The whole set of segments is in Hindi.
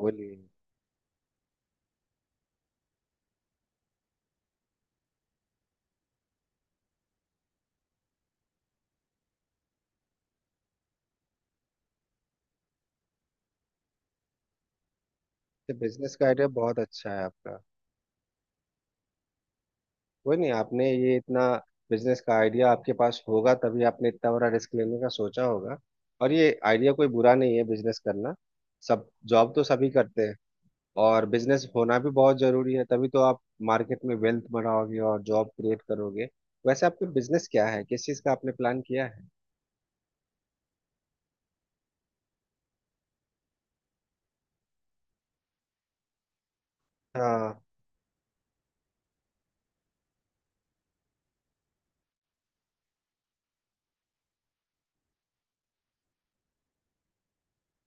बोलिए। बिजनेस का आइडिया बहुत अच्छा है आपका। कोई नहीं, आपने ये इतना, बिजनेस का आइडिया आपके पास होगा तभी आपने इतना बड़ा रिस्क लेने का सोचा होगा। और ये आइडिया कोई बुरा नहीं है, बिजनेस करना। सब, जॉब तो सभी करते हैं, और बिजनेस होना भी बहुत जरूरी है, तभी तो आप मार्केट में वेल्थ बनाओगे और जॉब क्रिएट करोगे। वैसे आपके बिजनेस क्या है, किस चीज़ का आपने प्लान किया है? हाँ,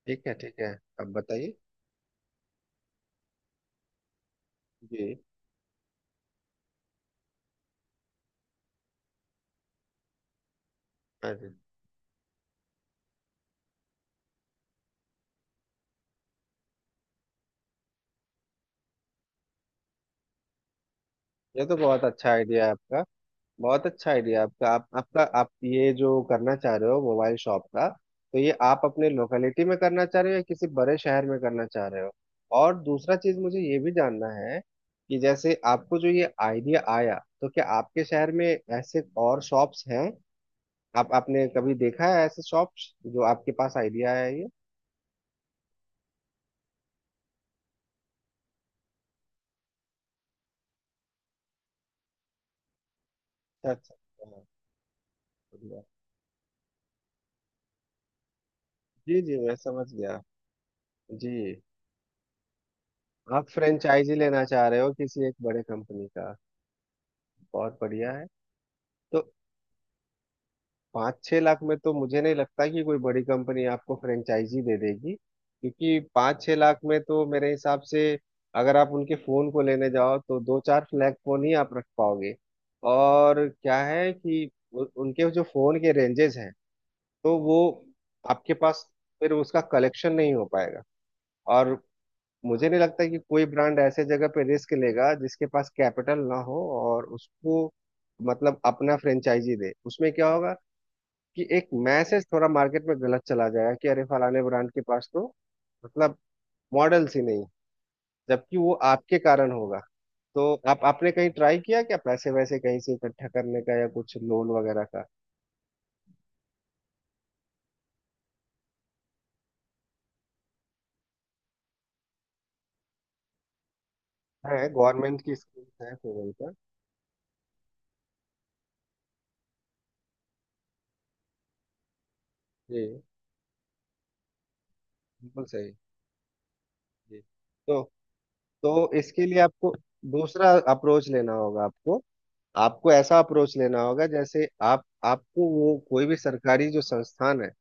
ठीक है ठीक है, अब बताइए। जी। अरे, ये तो बहुत अच्छा आइडिया है आपका। बहुत अच्छा आइडिया आपका। आप ये जो करना चाह रहे हो मोबाइल शॉप का, तो ये आप अपने लोकेलिटी में करना चाह रहे हो या किसी बड़े शहर में करना चाह रहे हो? और दूसरा चीज मुझे ये भी जानना है कि जैसे आपको जो ये आइडिया आया, तो क्या आपके शहर में ऐसे और शॉप्स हैं? आप आपने कभी देखा है ऐसे शॉप्स जो आपके पास आइडिया आया है ये? अच्छा अच्छा, हाँ, बढ़िया। जी जी, मैं समझ गया। जी। आप फ्रेंचाइजी लेना चाह रहे हो किसी एक बड़े कंपनी का? बहुत बढ़िया है। तो 5-6 लाख में तो मुझे नहीं लगता कि कोई बड़ी कंपनी आपको फ्रेंचाइजी दे देगी, क्योंकि 5-6 लाख में तो मेरे हिसाब से अगर आप उनके फोन को लेने जाओ तो दो चार फ्लैग फोन ही आप रख पाओगे। और क्या है कि उनके जो फोन के रेंजेस हैं, तो वो आपके पास, फिर उसका कलेक्शन नहीं हो पाएगा। और मुझे नहीं लगता कि कोई ब्रांड ऐसे जगह पे रिस्क लेगा जिसके पास कैपिटल ना हो, और उसको, मतलब अपना फ्रेंचाइजी दे। उसमें क्या होगा कि एक मैसेज थोड़ा मार्केट में गलत चला जाएगा कि अरे, फलाने ब्रांड के पास तो, मतलब, मॉडल्स ही नहीं, जबकि वो आपके कारण होगा। तो आप आपने कहीं ट्राई किया क्या, पैसे वैसे कहीं से इकट्ठा करने का या कुछ लोन वगैरह का? है, गवर्नमेंट की स्कीम है फेवल का। जी, बिल्कुल सही। जी। तो तो इसके लिए आपको दूसरा अप्रोच लेना होगा। आपको, आपको ऐसा अप्रोच लेना होगा जैसे, आप, आपको वो कोई भी सरकारी जो संस्थान है,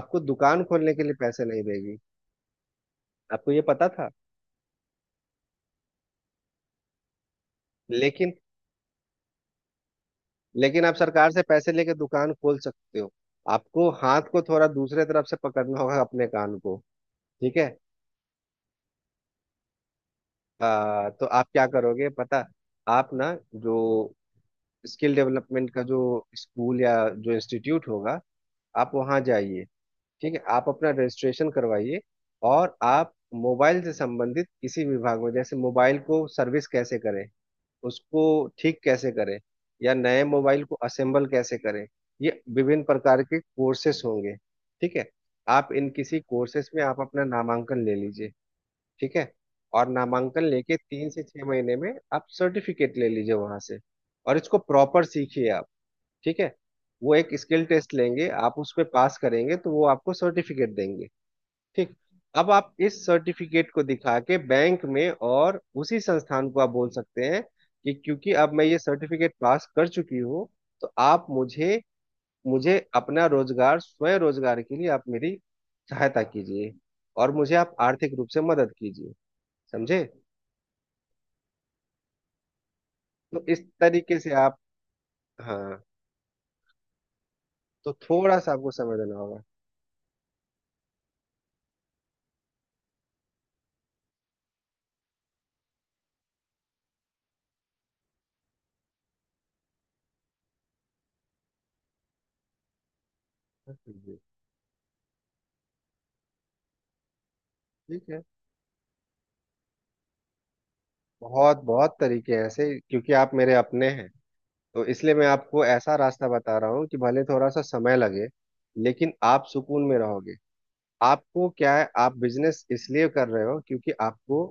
आपको दुकान खोलने के लिए पैसे नहीं देगी। आपको ये पता था? लेकिन, लेकिन आप सरकार से पैसे लेके दुकान खोल सकते हो। आपको हाथ को थोड़ा दूसरे तरफ से पकड़ना होगा अपने कान को। ठीक है। तो आप क्या करोगे पता? आप ना, जो स्किल डेवलपमेंट का जो स्कूल या जो इंस्टीट्यूट होगा, आप वहाँ जाइए। ठीक है, आप अपना रजिस्ट्रेशन करवाइए। और आप मोबाइल से संबंधित किसी विभाग में, जैसे मोबाइल को सर्विस कैसे करें, उसको ठीक कैसे करें, या नए मोबाइल को असेंबल कैसे करें, ये विभिन्न प्रकार के कोर्सेस होंगे। ठीक है। आप इन किसी कोर्सेस में आप अपना नामांकन ले लीजिए। ठीक है। और नामांकन लेके 3 से 6 महीने में आप सर्टिफिकेट ले लीजिए वहां से। और इसको प्रॉपर सीखिए आप। ठीक है। वो एक स्किल टेस्ट लेंगे, आप उस पे पास करेंगे तो वो आपको सर्टिफिकेट देंगे। ठीक। अब आप इस सर्टिफिकेट को दिखा के बैंक में और उसी संस्थान को आप बोल सकते हैं कि क्योंकि अब मैं ये सर्टिफिकेट पास कर चुकी हूँ, तो आप मुझे, मुझे अपना रोजगार, स्वयं रोजगार के लिए आप मेरी सहायता कीजिए, और मुझे आप आर्थिक रूप से मदद कीजिए। समझे? तो इस तरीके से आप, हाँ, तो थोड़ा सा आपको समझ देना होगा। जी, ठीक है। बहुत बहुत तरीके हैं ऐसे, क्योंकि आप मेरे अपने हैं, तो इसलिए मैं आपको ऐसा रास्ता बता रहा हूँ कि भले थोड़ा सा समय लगे, लेकिन आप सुकून में रहोगे। आपको क्या है, आप बिजनेस इसलिए कर रहे हो क्योंकि आपको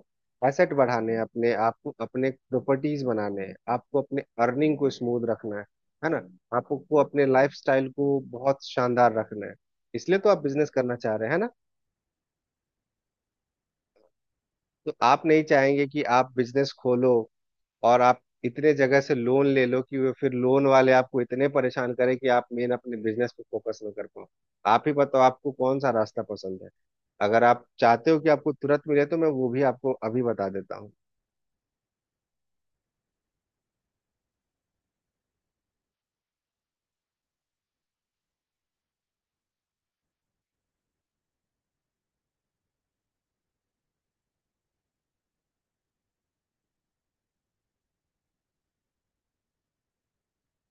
एसेट बढ़ाने हैं अपने, आपको अपने प्रॉपर्टीज बनाने हैं, आपको अपने अर्निंग को स्मूथ रखना है ना? आपको अपने लाइफस्टाइल को बहुत शानदार रखना है, इसलिए तो आप बिजनेस करना चाह रहे हैं, है ना? तो आप नहीं चाहेंगे कि आप बिजनेस खोलो और आप इतने जगह से लोन ले लो कि वो फिर लोन वाले आपको इतने परेशान करें कि आप मेन अपने बिजनेस पे फोकस ना कर पाओ। आप ही बताओ आपको कौन सा रास्ता पसंद है? अगर आप चाहते हो कि आपको तुरंत मिले, तो मैं वो भी आपको अभी बता देता हूँ।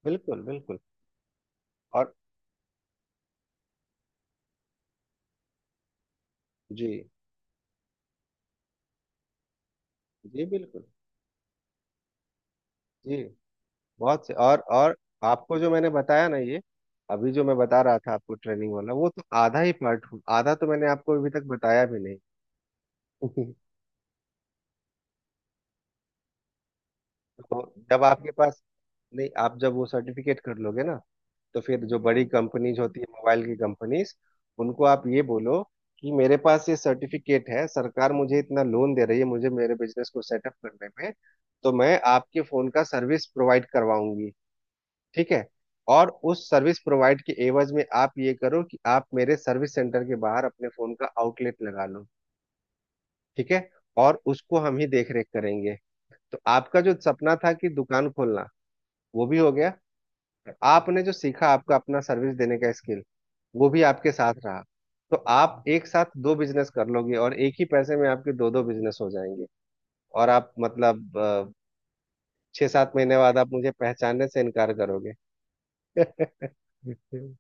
बिल्कुल बिल्कुल। और जी, जी बिल्कुल। जी। बहुत से। और आपको जो मैंने बताया ना, ये अभी जो मैं बता रहा था आपको ट्रेनिंग वाला, वो तो आधा ही पार्ट। आधा तो मैंने आपको अभी तक बताया भी नहीं। तो जब आपके पास, नहीं, आप जब वो सर्टिफिकेट कर लोगे ना, तो फिर जो बड़ी कंपनीज होती है मोबाइल की कंपनीज, उनको आप ये बोलो कि मेरे पास ये सर्टिफिकेट है, सरकार मुझे इतना लोन दे रही है मुझे मेरे बिजनेस को सेटअप करने में, तो मैं आपके फोन का सर्विस प्रोवाइड करवाऊंगी। ठीक है। और उस सर्विस प्रोवाइड के एवज में आप ये करो कि आप मेरे सर्विस सेंटर के बाहर अपने फोन का आउटलेट लगा लो। ठीक है। और उसको हम ही देख रेख करेंगे। तो आपका जो सपना था कि दुकान खोलना, वो भी हो गया। आपने जो सीखा, आपका अपना सर्विस देने का स्किल, वो भी आपके साथ रहा। तो आप एक साथ दो बिजनेस कर लोगे, और एक ही पैसे में आपके दो दो बिजनेस हो जाएंगे। और आप, मतलब, 6-7 महीने बाद आप मुझे पहचानने से इनकार करोगे। बिल्कुल।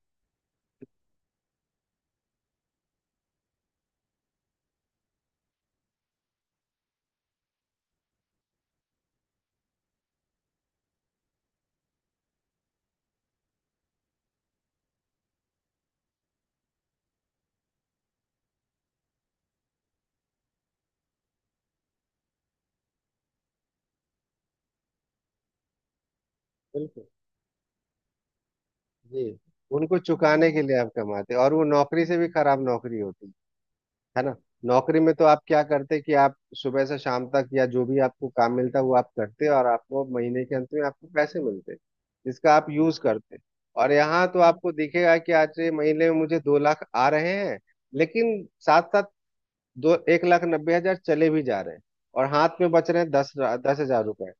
जी। उनको चुकाने के लिए आप कमाते, और वो नौकरी से भी खराब नौकरी होती। है ना? नौकरी में तो आप क्या करते कि आप सुबह से शाम तक या जो भी आपको काम मिलता वो आप करते, और आपको महीने के अंत में आपको पैसे मिलते, जिसका आप यूज करते। और यहाँ तो आपको दिखेगा कि आज ये महीने में मुझे 2 लाख आ रहे हैं, लेकिन साथ साथ दो, 1,90,000 चले भी जा रहे हैं, और हाथ में बच रहे हैं दस दस हजार रुपए।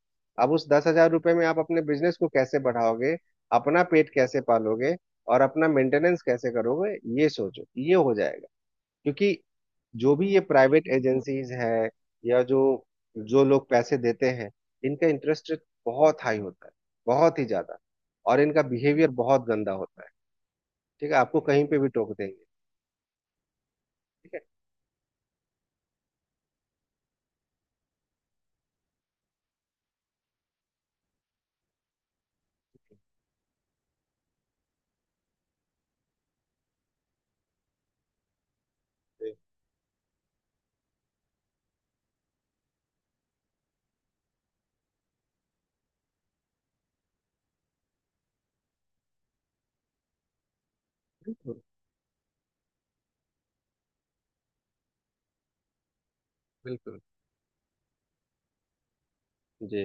अब उस 10 हजार रुपए में आप अपने बिजनेस को कैसे बढ़ाओगे? अपना पेट कैसे पालोगे? और अपना मेंटेनेंस कैसे करोगे? ये सोचो, ये हो जाएगा। क्योंकि जो भी ये प्राइवेट एजेंसीज हैं, या जो, जो लोग पैसे देते हैं, इनका इंटरेस्ट रेट बहुत हाई होता है, बहुत ही ज्यादा, और इनका बिहेवियर बहुत गंदा होता है। ठीक है, आपको कहीं पे भी टोक देंगे। ठीक है। बिल्कुल बिल्कुल। जी,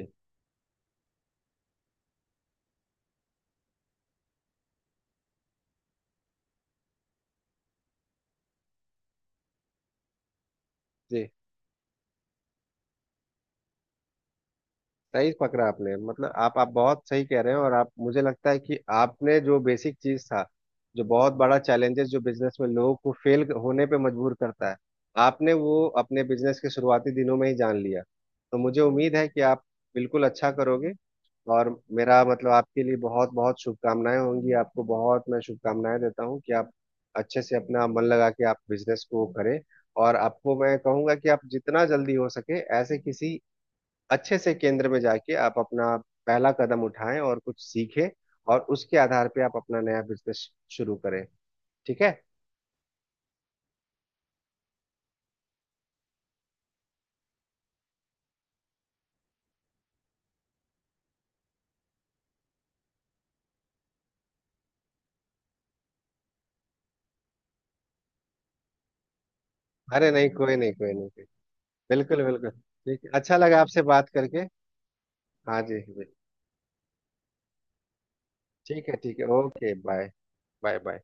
जी। सही पकड़ा आपने, मतलब आप बहुत सही कह रहे हैं, और आप, मुझे लगता है कि आपने जो बेसिक चीज था, जो बहुत बड़ा चैलेंजेस जो बिजनेस में लोगों को फेल होने पे मजबूर करता है, आपने वो अपने बिजनेस के शुरुआती दिनों में ही जान लिया। तो मुझे उम्मीद है कि आप बिल्कुल अच्छा करोगे। और मेरा मतलब, आपके लिए बहुत बहुत शुभकामनाएं होंगी, आपको बहुत मैं शुभकामनाएं देता हूँ कि आप अच्छे से अपना मन लगा के आप बिजनेस को करें। और आपको मैं कहूंगा कि आप जितना जल्दी हो सके ऐसे किसी अच्छे से केंद्र में जाके आप अपना पहला कदम उठाएं और कुछ सीखें, और उसके आधार पे आप अपना नया बिजनेस शुरू करें। ठीक है। अरे नहीं, कोई नहीं, कोई नहीं, कोई, बिल्कुल बिल्कुल, ठीक है, अच्छा लगा आपसे बात करके। हाँ जी, बिल्कुल। ठीक है, ठीक है, ओके, बाय। Bye bye.